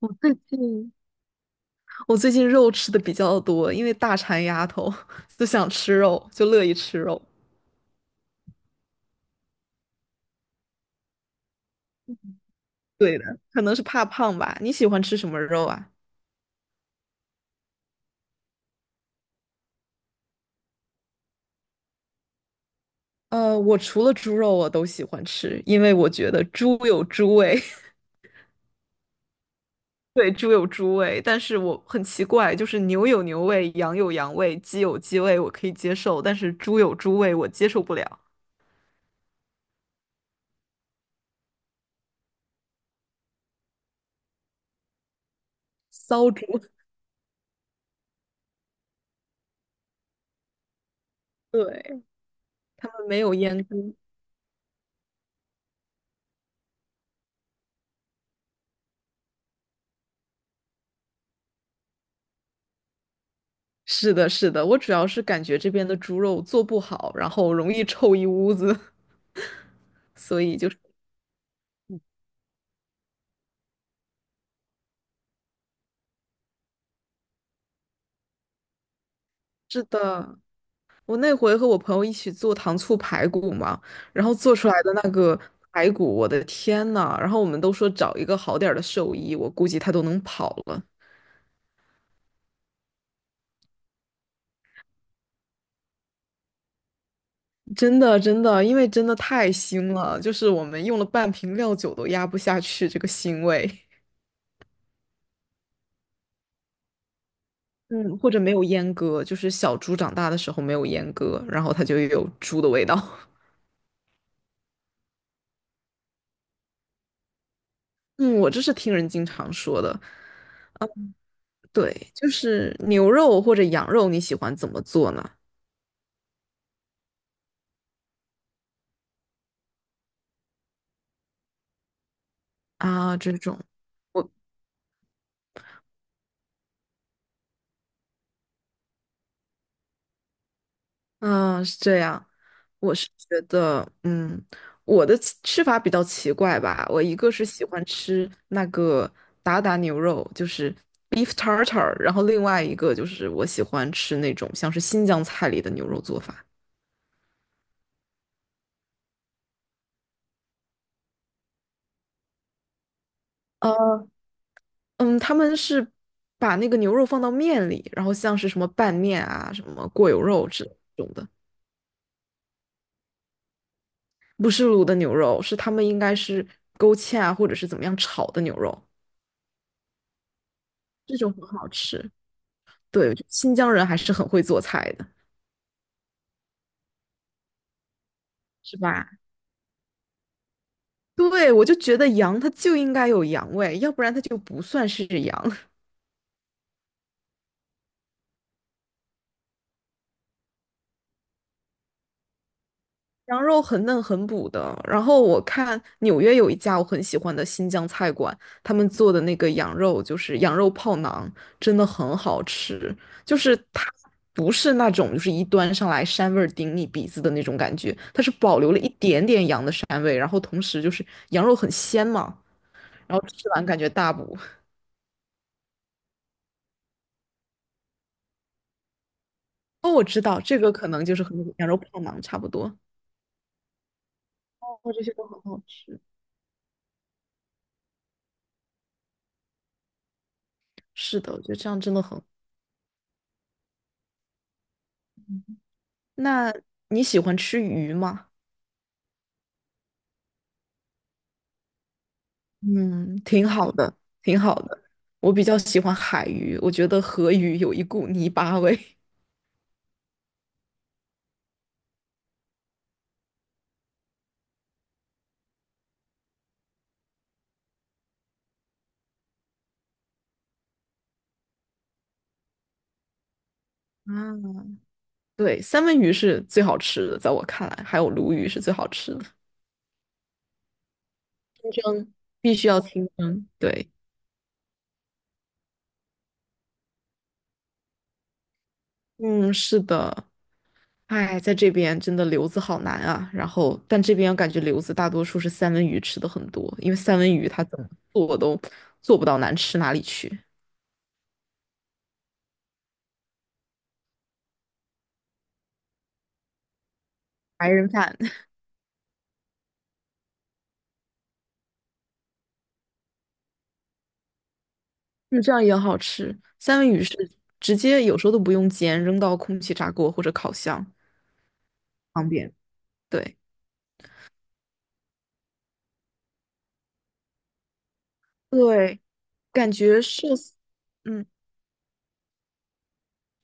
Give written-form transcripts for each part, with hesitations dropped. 我最近我最近肉吃的比较多，因为大馋丫头 就想吃肉，就乐意吃肉。对的，可能是怕胖吧。你喜欢吃什么肉啊？我除了猪肉我都喜欢吃，因为我觉得猪有猪味，对，猪有猪味。但是我很奇怪，就是牛有牛味，羊有羊味，鸡有鸡味，我可以接受，但是猪有猪味，我接受不了。骚猪，对，他们没有阉割。是的，是的，我主要是感觉这边的猪肉做不好，然后容易臭一屋子，所以就是是的。我那回和我朋友一起做糖醋排骨嘛，然后做出来的那个排骨，我的天呐！然后我们都说找一个好点儿的兽医，我估计他都能跑了。真的，真的，因为真的太腥了，就是我们用了半瓶料酒都压不下去这个腥味。嗯，或者没有阉割，就是小猪长大的时候没有阉割，然后它就有猪的味道。嗯，我这是听人经常说的，对，就是牛肉或者羊肉，你喜欢怎么做呢？啊，这种，我，嗯，是这样，我是觉得，嗯，我的吃吃法比较奇怪吧，我一个是喜欢吃那个达达牛肉，就是 beef tartar，然后另外一个就是我喜欢吃那种像是新疆菜里的牛肉做法。呃嗯，他们是把那个牛肉放到面里，然后像是什么拌面啊、什么过油肉这种的，不是卤的牛肉，是他们应该是勾芡啊，或者是怎么样炒的牛肉，这种很好吃。对，我觉得新疆人还是很会做菜的，是吧？对，我就觉得羊它就应该有羊味，要不然它就不算是羊。羊肉很嫩很补的。然后我看纽约有一家我很喜欢的新疆菜馆，他们做的那个羊肉就是羊肉泡馕，真的很好吃。就是它不是那种就是一端上来膻味儿顶你鼻子的那种感觉，它是保留了一点点羊的膻味，然后同时就是羊肉很鲜嘛，然后吃完感觉大补。哦，我知道这个可能就是和那个羊肉泡馕差不多。哦，这些都很好吃。是的，我觉得这样真的很。那你喜欢吃鱼吗？嗯，挺好的，挺好的。我比较喜欢海鱼，我觉得河鱼有一股泥巴味。啊，对，三文鱼是最好吃的，在我看来，还有鲈鱼是最好吃的。清蒸必须要清蒸，对，嗯，是的。哎，在这边真的留子好难啊。然后，但这边我感觉留子大多数是三文鱼吃的很多，因为三文鱼它怎么做都做不到难吃哪里去。白人饭。是这样也好吃。三文鱼是直接有时候都不用煎，扔到空气炸锅或者烤箱，方便。对对，感觉寿司嗯，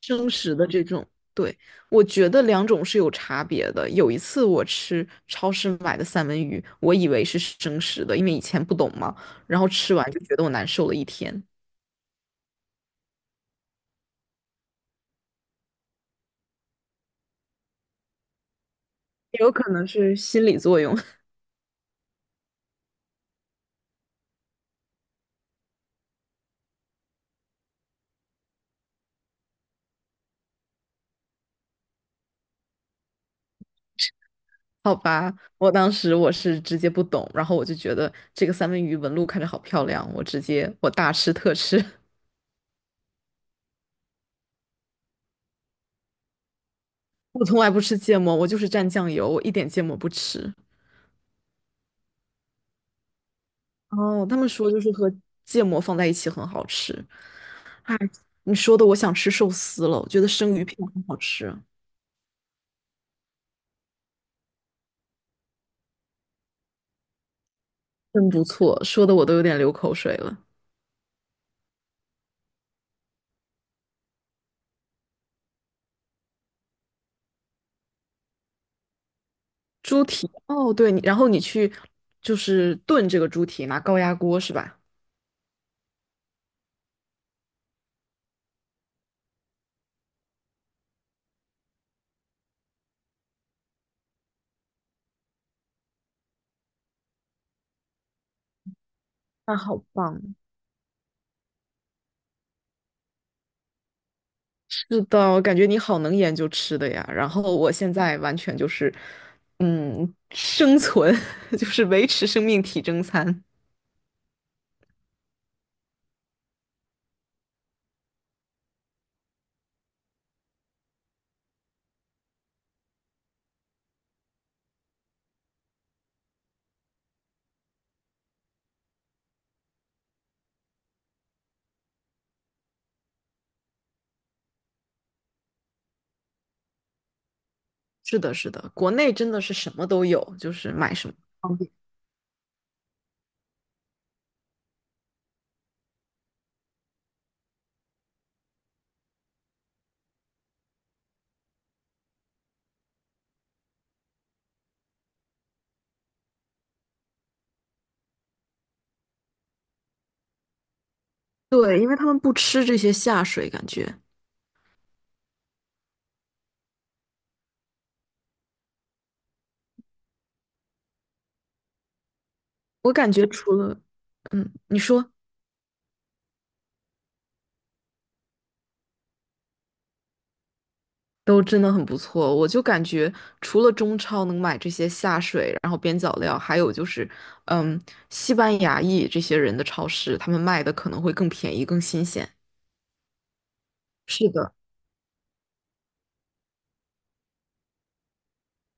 生食的这种，对，我觉得两种是有差别的。有一次我吃超市买的三文鱼，我以为是生食的，因为以前不懂嘛，然后吃完就觉得我难受了一天，也有可能是心理作用。好吧，我当时我是直接不懂，然后我就觉得这个三文鱼纹路看着好漂亮，我直接我大吃特吃。我从来不吃芥末，我就是蘸酱油，我一点芥末不吃。哦，他们说就是和芥末放在一起很好吃。哎，你说的我想吃寿司了，我觉得生鱼片很好吃，真不错，说的我都有点流口水了。猪蹄，哦，对，你然后你去就是炖这个猪蹄，拿高压锅是吧？那好棒。是的，我感觉你好能研究吃的呀。然后我现在完全就是，嗯，生存 就是维持生命体征餐。是的，是的，国内真的是什么都有，就是买什么方便。对，因为他们不吃这些下水，感觉我感觉除了，嗯，你说都真的很不错。我就感觉除了中超能买这些下水，然后边角料，还有就是，嗯，西班牙裔这些人的超市，他们卖的可能会更便宜、更新鲜。是的。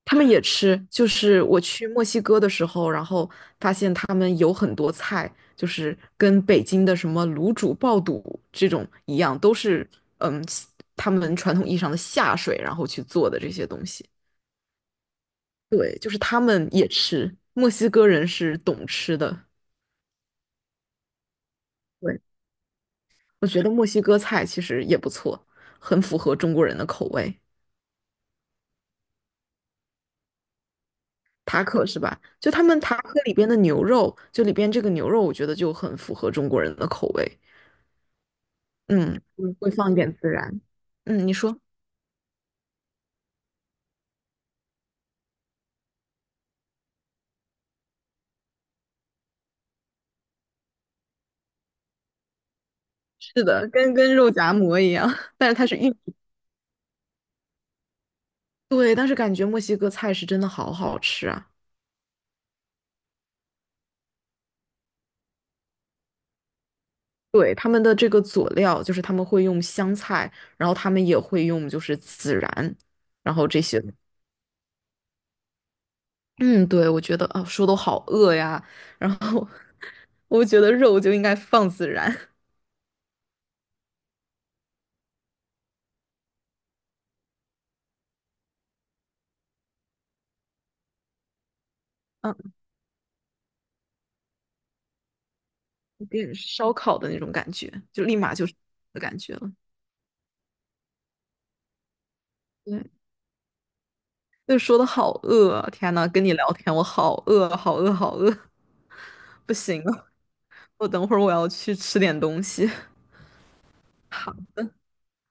他们也吃，就是我去墨西哥的时候，然后发现他们有很多菜，就是跟北京的什么卤煮、爆肚这种一样，都是嗯，他们传统意义上的下水，然后去做的这些东西。对，就是他们也吃，墨西哥人是懂吃的。对，我觉得墨西哥菜其实也不错，很符合中国人的口味。塔可是吧？就他们塔可里边的牛肉，就里边这个牛肉，我觉得就很符合中国人的口味。嗯嗯会放一点孜然。嗯，你说。是的，跟肉夹馍一样，但是它是玉米。对，但是感觉墨西哥菜是真的好好吃啊。对，他们的这个佐料，就是他们会用香菜，然后他们也会用就是孜然，然后这些。嗯，对，我觉得啊，说都好饿呀。然后 我觉得肉就应该放孜然，嗯，有点烧烤的那种感觉，就立马就是的感觉了。对，就说的好饿啊，天呐，跟你聊天我好饿，好饿，好饿，不行了，我等会儿我要去吃点东西。好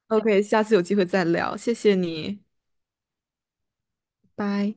，OK，下次有机会再聊，谢谢你，拜。